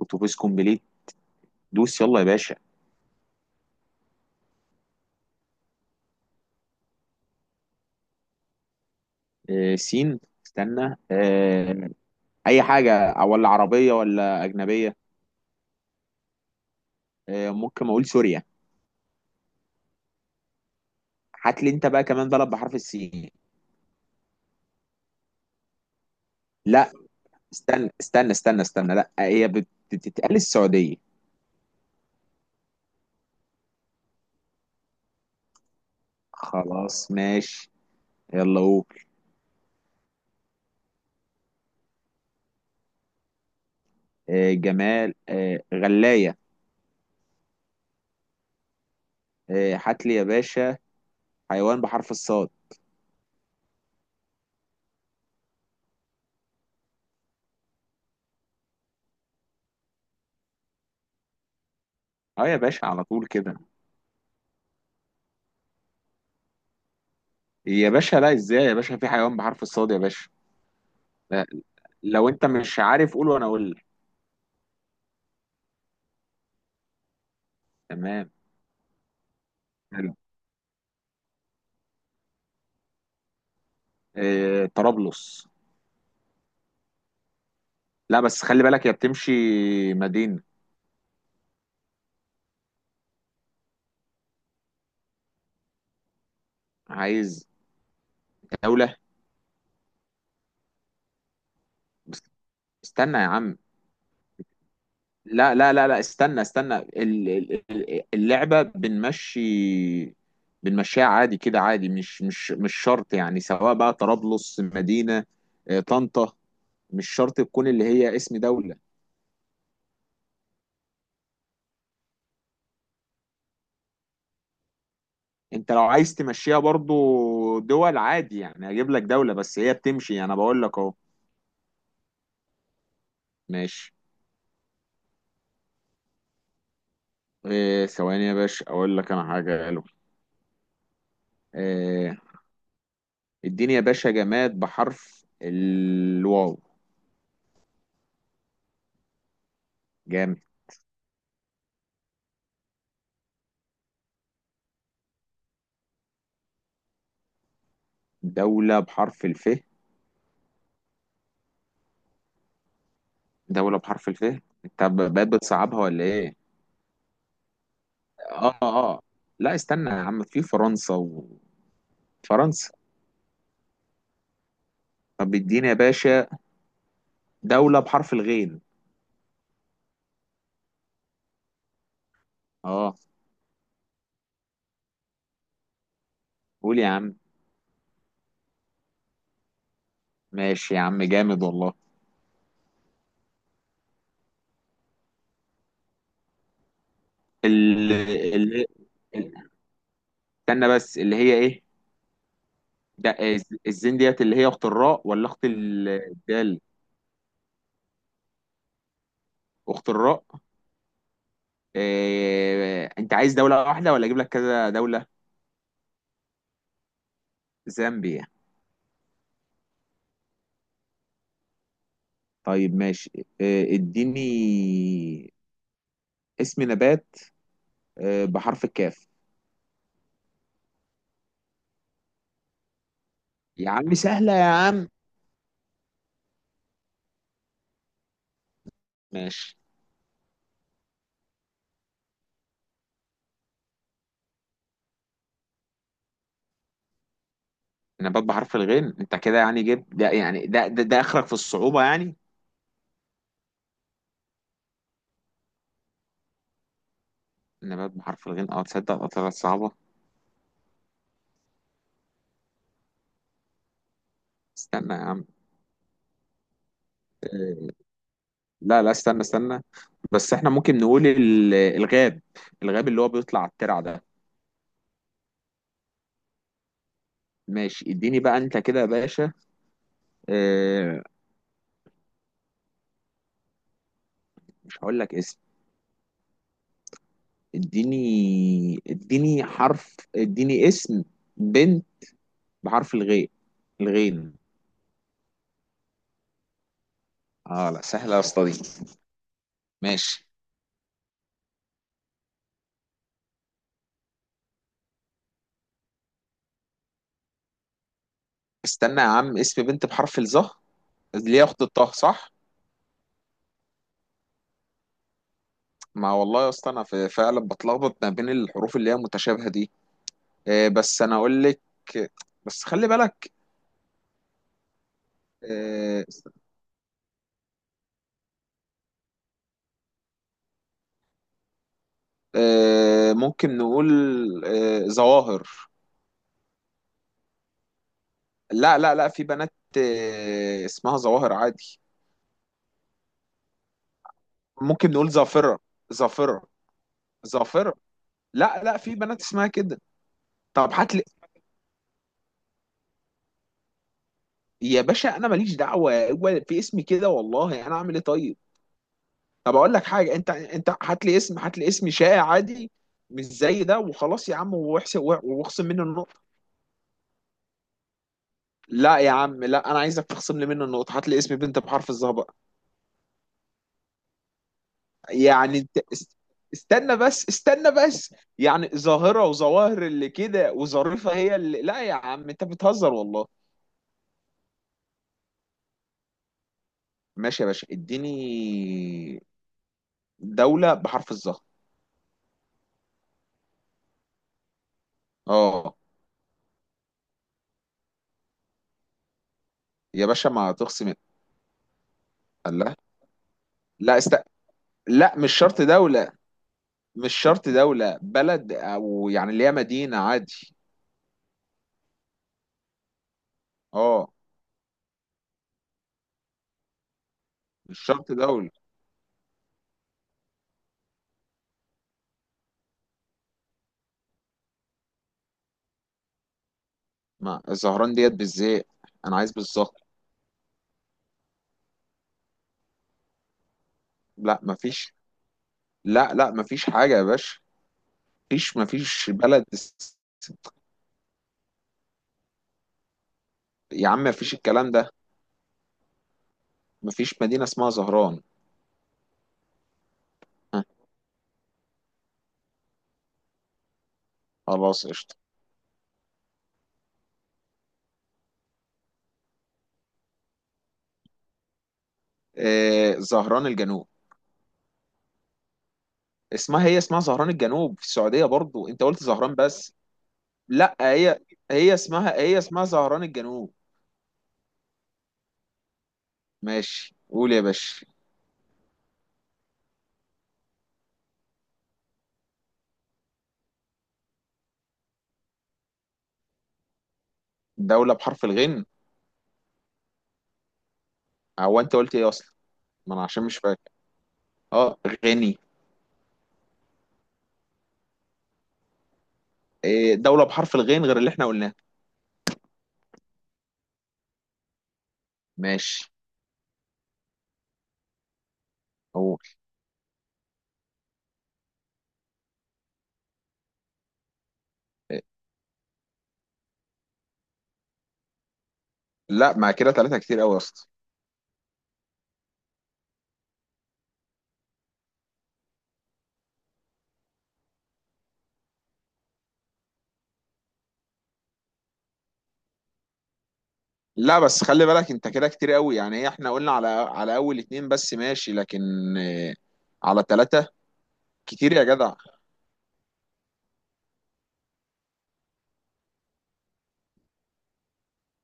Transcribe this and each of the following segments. اتوبيس كومبليت. دوس يلا يا باشا. سين. استنى. اي حاجه، ولا عربيه ولا اجنبيه؟ ممكن اقول سوريا. هات لي انت بقى كمان بلد بحرف السين. لا. استنى. لا، هي بتتقال السعوديه. خلاص ماشي. يلا قول. جمال. غلايه. هات لي يا باشا حيوان بحرف الصاد. اه يا باشا، على طول كده. يا باشا لا، ازاي يا باشا في حيوان بحرف الصاد يا باشا؟ لا، لو انت مش عارف قول وانا اقول لك. تمام. حلو. طرابلس. لا بس خلي بالك يا، بتمشي مدينة. عايز دولة. بس استنى يا عم. لا لا لا لا، استنى، اللعبة بنمشي. بنمشيها عادي كده، عادي، مش شرط يعني، سواء بقى طرابلس مدينة. طنطا. مش شرط تكون اللي هي اسم دولة. انت لو عايز تمشيها برضو دول عادي يعني، اجيب لك دولة بس هي بتمشي، انا بقول لك اهو. ماشي. إيه ثواني يا باشا اقول لك انا حاجة. آه، اديني يا باشا جماد بحرف الواو. جامد. دولة بحرف الف. دولة بحرف الف. انت بقيت بتصعبها ولا ايه؟ اه اه. لا استنى يا عم، في فرنسا. وفرنسا. طب اديني يا باشا دولة بحرف الغين. اه. قول يا عم. ماشي يا عم، جامد والله. ال ال استنى بس، اللي هي ايه؟ ده الزين ديت اللي هي اخت الراء ولا اخت الدال؟ اخت الراء. إيه، انت عايز دولة واحدة ولا اجيب لك كذا دولة؟ زامبيا. طيب ماشي. إيه اديني اسم نبات، إيه، بحرف الكاف. يا عم سهلة يا عم. ماشي. نبات بحرف الغين، انت كده يعني جبت ده يعني ده اخرك في الصعوبة يعني. نبات بحرف الغين، اه تصدق، اه طلعت صعبة. استنى يا عم. لا لا، استنى بس، احنا ممكن نقول الغاب. الغاب اللي هو بيطلع على الترع ده. ماشي، اديني بقى انت كده يا باشا. اه، مش هقول لك اسم. اديني حرف، اديني اسم بنت بحرف الغين. الغين. اه لا، سهلة يا اسطى دي. ماشي. استنى يا عم، اسم بنت بحرف الظه. اللي هي اخت الطه، صح؟ ما والله يا اسطى، انا فعلا بتلخبط ما بين الحروف اللي هي متشابهة دي. بس انا اقول لك. بس خلي بالك. آه ممكن نقول. ظواهر. لا لا لا، في بنات. اسمها ظواهر عادي. ممكن نقول ظافرة. ظافرة. ظافرة. لا لا، في بنات اسمها كده. طب هات لي. يا باشا انا ماليش دعوه، هو في اسمي كده والله، انا اعمل ايه طيب؟ طب اقول لك حاجه، انت هات لي اسم شائع عادي. مش زي ده وخلاص يا عم، واحسب واخصم منه النقطه. لا يا عم لا، انا عايزك تخصم لي منه النقطه، هات لي اسم بنت بحرف الظهر بقى. يعني انت استنى بس يعني، ظاهره وظواهر اللي كده وظريفه هي اللي، لا يا عم انت بتهزر والله. ماشي يا باشا، اديني دولة بحرف الظهر. اه يا باشا ما تخصم. قال لها. لا لا مش شرط دولة. مش شرط دولة بلد، او يعني اللي هي مدينة عادي. اه. مش شرط دولة. ما الزهران ديت بالزيت. انا عايز بالظبط. لا ما فيش. لا لا، ما فيش حاجة يا باشا. مفيش بلد. يا عم مفيش الكلام ده. مفيش مدينة اسمها زهران. ها، خلاص قشطة. إيه زهران الجنوب. اسمها، هي اسمها زهران الجنوب في السعودية برضو، انت قلت زهران بس. لا، هي اسمها هي اسمها زهران الجنوب. ماشي قول يا باشا. دولة بحرف الغين. هو انت قلت ايه اصلا؟ ما انا عشان مش فاكر. اه. غني. إيه دولة بحرف الغين غير اللي احنا قلناه. ماشي قول. إيه. لا ما كده ثلاثة كتير قوي يا اسطى. لا بس خلي بالك، انت كده كتير قوي يعني، هي احنا قلنا على اول اتنين بس ماشي، لكن. إيه. على ثلاثة. كتير يا جدع.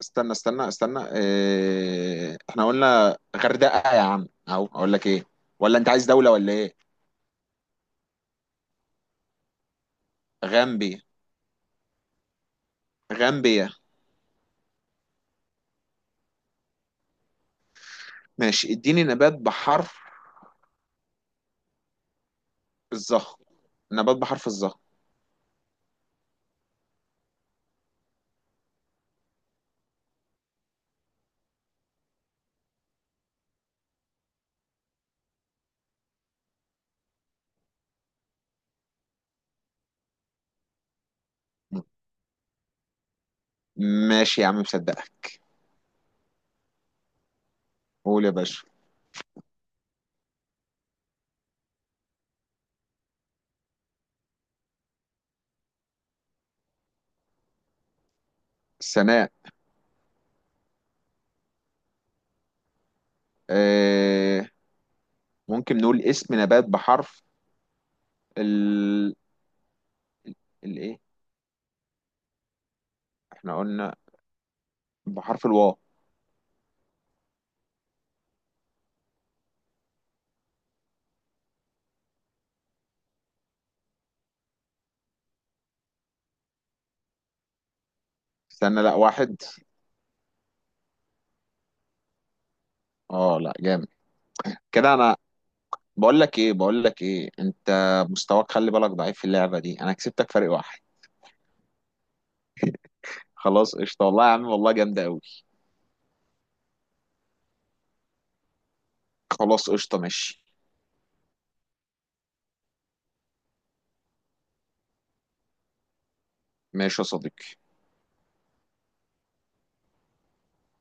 استنى، إيه احنا قلنا غردقة يا عم اهو، اقول لك ايه. ولا انت عايز دولة ولا ايه؟ غامبيا. غامبيا. ماشي اديني نبات بحرف الظهر. نبات بحرف الظهر. ماشي يا عم، مصدقك. قول يا باشا. سناء. آه ممكن نقول اسم نبات بحرف ال الايه. احنا قلنا بحرف الواو. استنى، لا واحد. اه لا، جامد. كده انا بقول لك ايه، انت مستواك خلي بالك ضعيف في اللعبة دي، انا كسبتك فرق واحد. خلاص قشطة والله يا عم والله، جامدة قوي. خلاص قشطة ماشي. ماشي يا صديقي.